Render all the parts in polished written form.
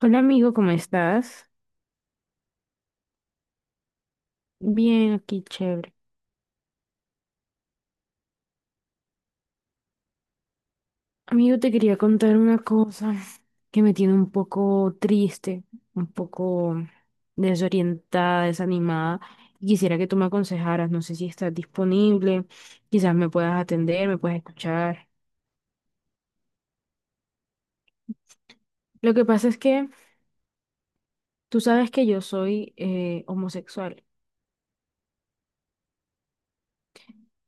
Hola amigo, ¿cómo estás? Bien, aquí chévere. Amigo, te quería contar una cosa que me tiene un poco triste, un poco desorientada, desanimada. y quisiera que tú me aconsejaras, no sé si estás disponible, quizás me puedas atender, me puedas escuchar. Lo que pasa es que tú sabes que yo soy homosexual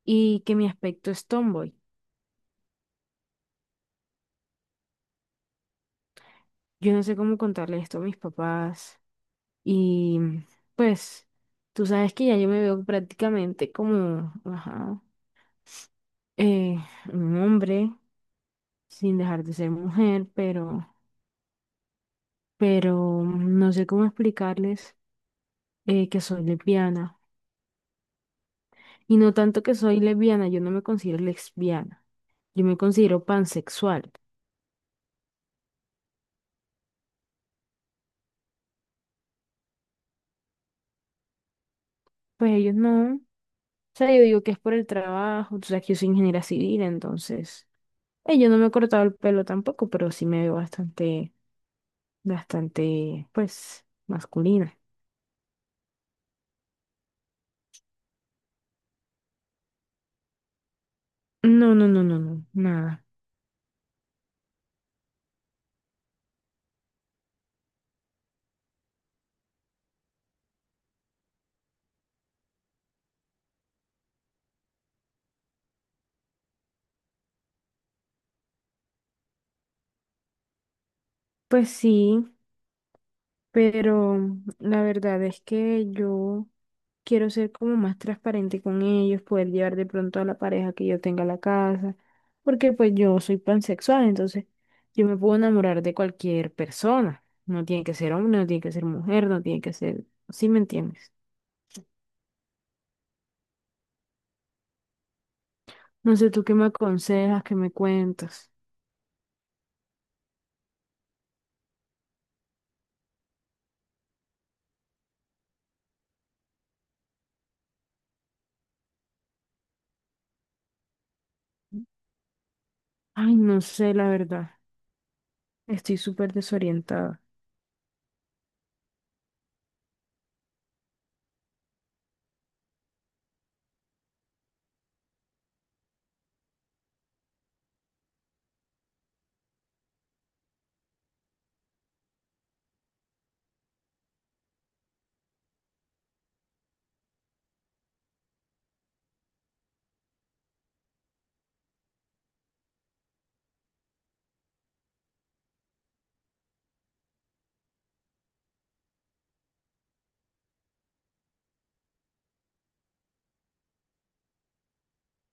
y que mi aspecto es tomboy. Yo no sé cómo contarle esto a mis papás. Y pues tú sabes que ya yo me veo prácticamente como, ajá, eh, un hombre sin dejar de ser mujer, pero no sé cómo explicarles que soy lesbiana. Y no tanto que soy lesbiana, yo no me considero lesbiana, yo me considero pansexual. Pues ellos no, o sea, yo digo que es por el trabajo, tú sabes que yo soy ingeniera civil, entonces yo no me he cortado el pelo tampoco, pero sí me veo bastante bastante, pues, masculina. No, no, no, no, no, nada. Pues sí, pero la verdad es que yo quiero ser como más transparente con ellos, poder llevar de pronto a la pareja que yo tenga a la casa, porque pues yo soy pansexual, entonces yo me puedo enamorar de cualquier persona. No tiene que ser hombre, no tiene que ser mujer, no tiene que ser, ¿sí me entiendes? No sé, tú qué me aconsejas, qué me cuentas. Ay, no sé, la verdad. Estoy súper desorientada.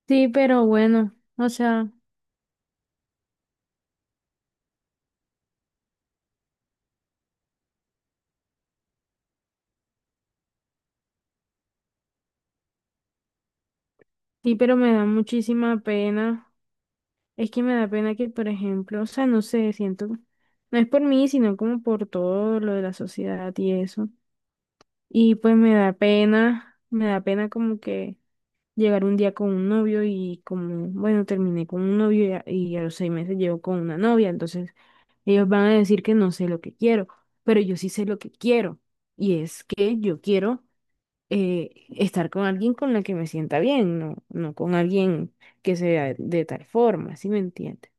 Sí, pero bueno, o sea, sí, pero me da muchísima pena. Es que me da pena que, por ejemplo, o sea, no sé, siento, no es por mí, sino como por todo lo de la sociedad y eso. Y pues me da pena como que llegar un día con un novio y como, bueno, terminé con un novio y a los 6 meses llevo con una novia, entonces ellos van a decir que no sé lo que quiero, pero yo sí sé lo que quiero. Y es que yo quiero estar con alguien con la que me sienta bien, no, no con alguien que sea de tal forma, ¿sí me entiendes?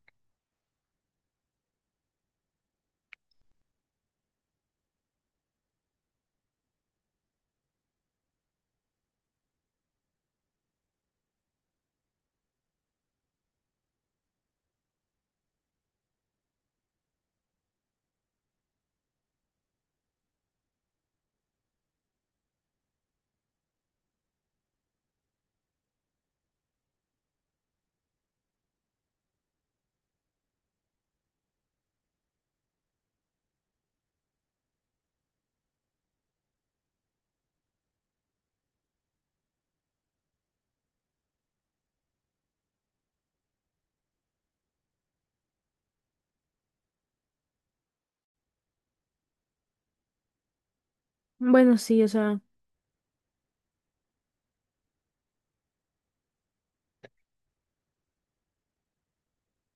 Bueno, sí, o sea,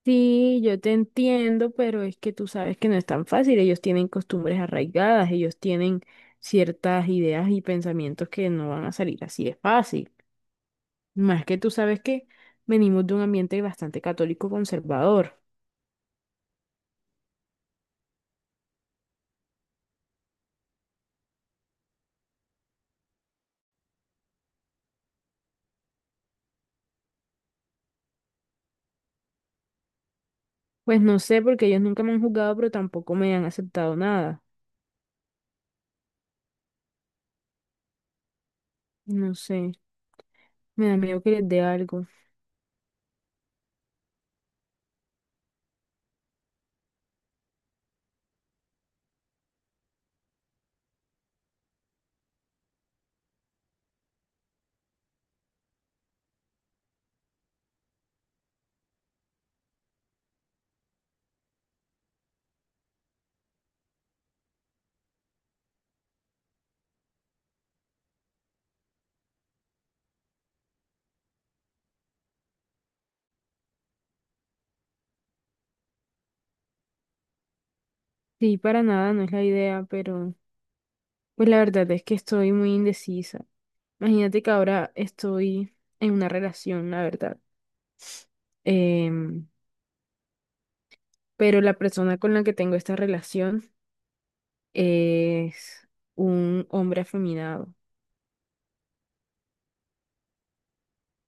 sí, yo te entiendo, pero es que tú sabes que no es tan fácil, ellos tienen costumbres arraigadas, ellos tienen ciertas ideas y pensamientos que no van a salir así de fácil. Más que tú sabes que venimos de un ambiente bastante católico conservador. Pues no sé, porque ellos nunca me han juzgado, pero tampoco me han aceptado nada. No sé, me da miedo que les dé algo. Sí, para nada, no es la idea, pero pues la verdad es que estoy muy indecisa. Imagínate que ahora estoy en una relación, la verdad. Em, pero la persona con la que tengo esta relación es un hombre afeminado.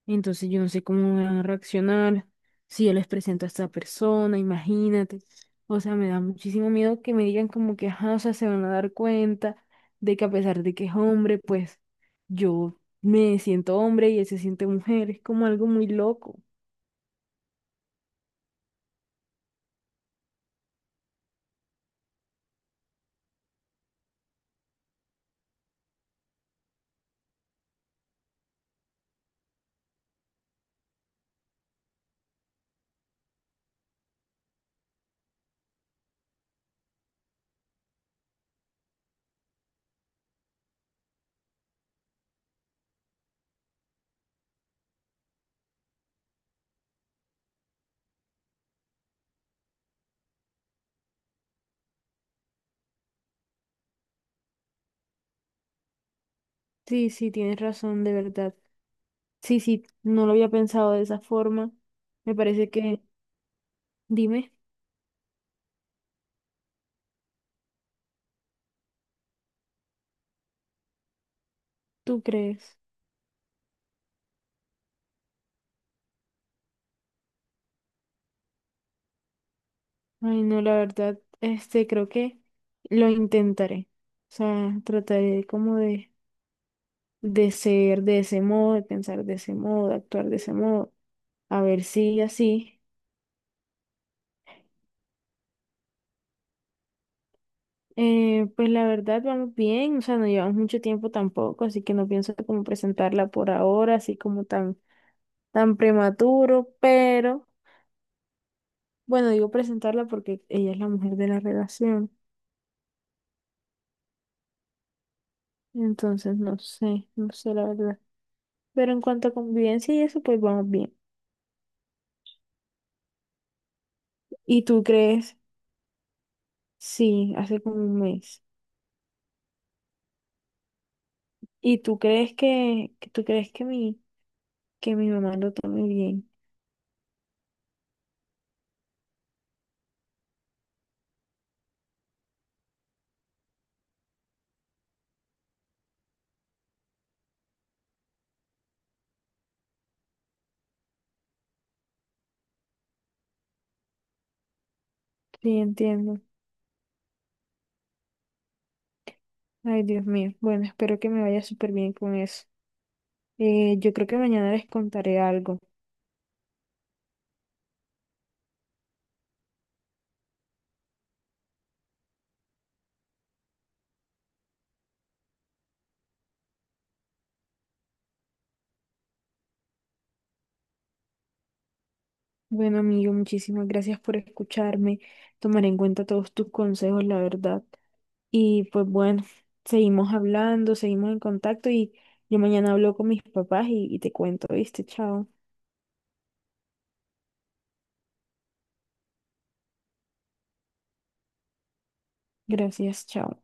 Entonces yo no sé cómo van a reaccionar si yo les presento a esta persona, imagínate. O sea, me da muchísimo miedo que me digan como que, ajá, o sea, se van a dar cuenta de que a pesar de que es hombre, pues yo me siento hombre y él se siente mujer. Es como algo muy loco. Sí, sí, tienes razón, de verdad. Sí, sí, no lo había pensado de esa forma. Me parece que, dime, ¿tú crees? Ay, no, la verdad, este, creo que lo intentaré. O sea, trataré como de ser de ese modo, de pensar de ese modo, de actuar de ese modo. A ver si así. Pues la verdad, vamos bien. O sea, no llevamos mucho tiempo tampoco, así que no pienso como presentarla por ahora, así como tan, tan prematuro. Pero, bueno, digo presentarla porque ella es la mujer de la relación. Entonces, no sé, no sé la verdad. Pero en cuanto a convivencia y eso, pues vamos bien. ¿Y tú crees? Sí, hace como un mes. ¿Y tú crees que tú crees que mi mamá lo tome bien? Sí, entiendo. Ay, Dios mío. Bueno, espero que me vaya súper bien con eso. Yo creo que mañana les contaré algo. Bueno, amigo, muchísimas gracias por escucharme. Tomaré en cuenta todos tus consejos, la verdad. Y pues bueno, seguimos hablando, seguimos en contacto y yo mañana hablo con mis papás y te cuento, ¿viste? Chao. Gracias, chao.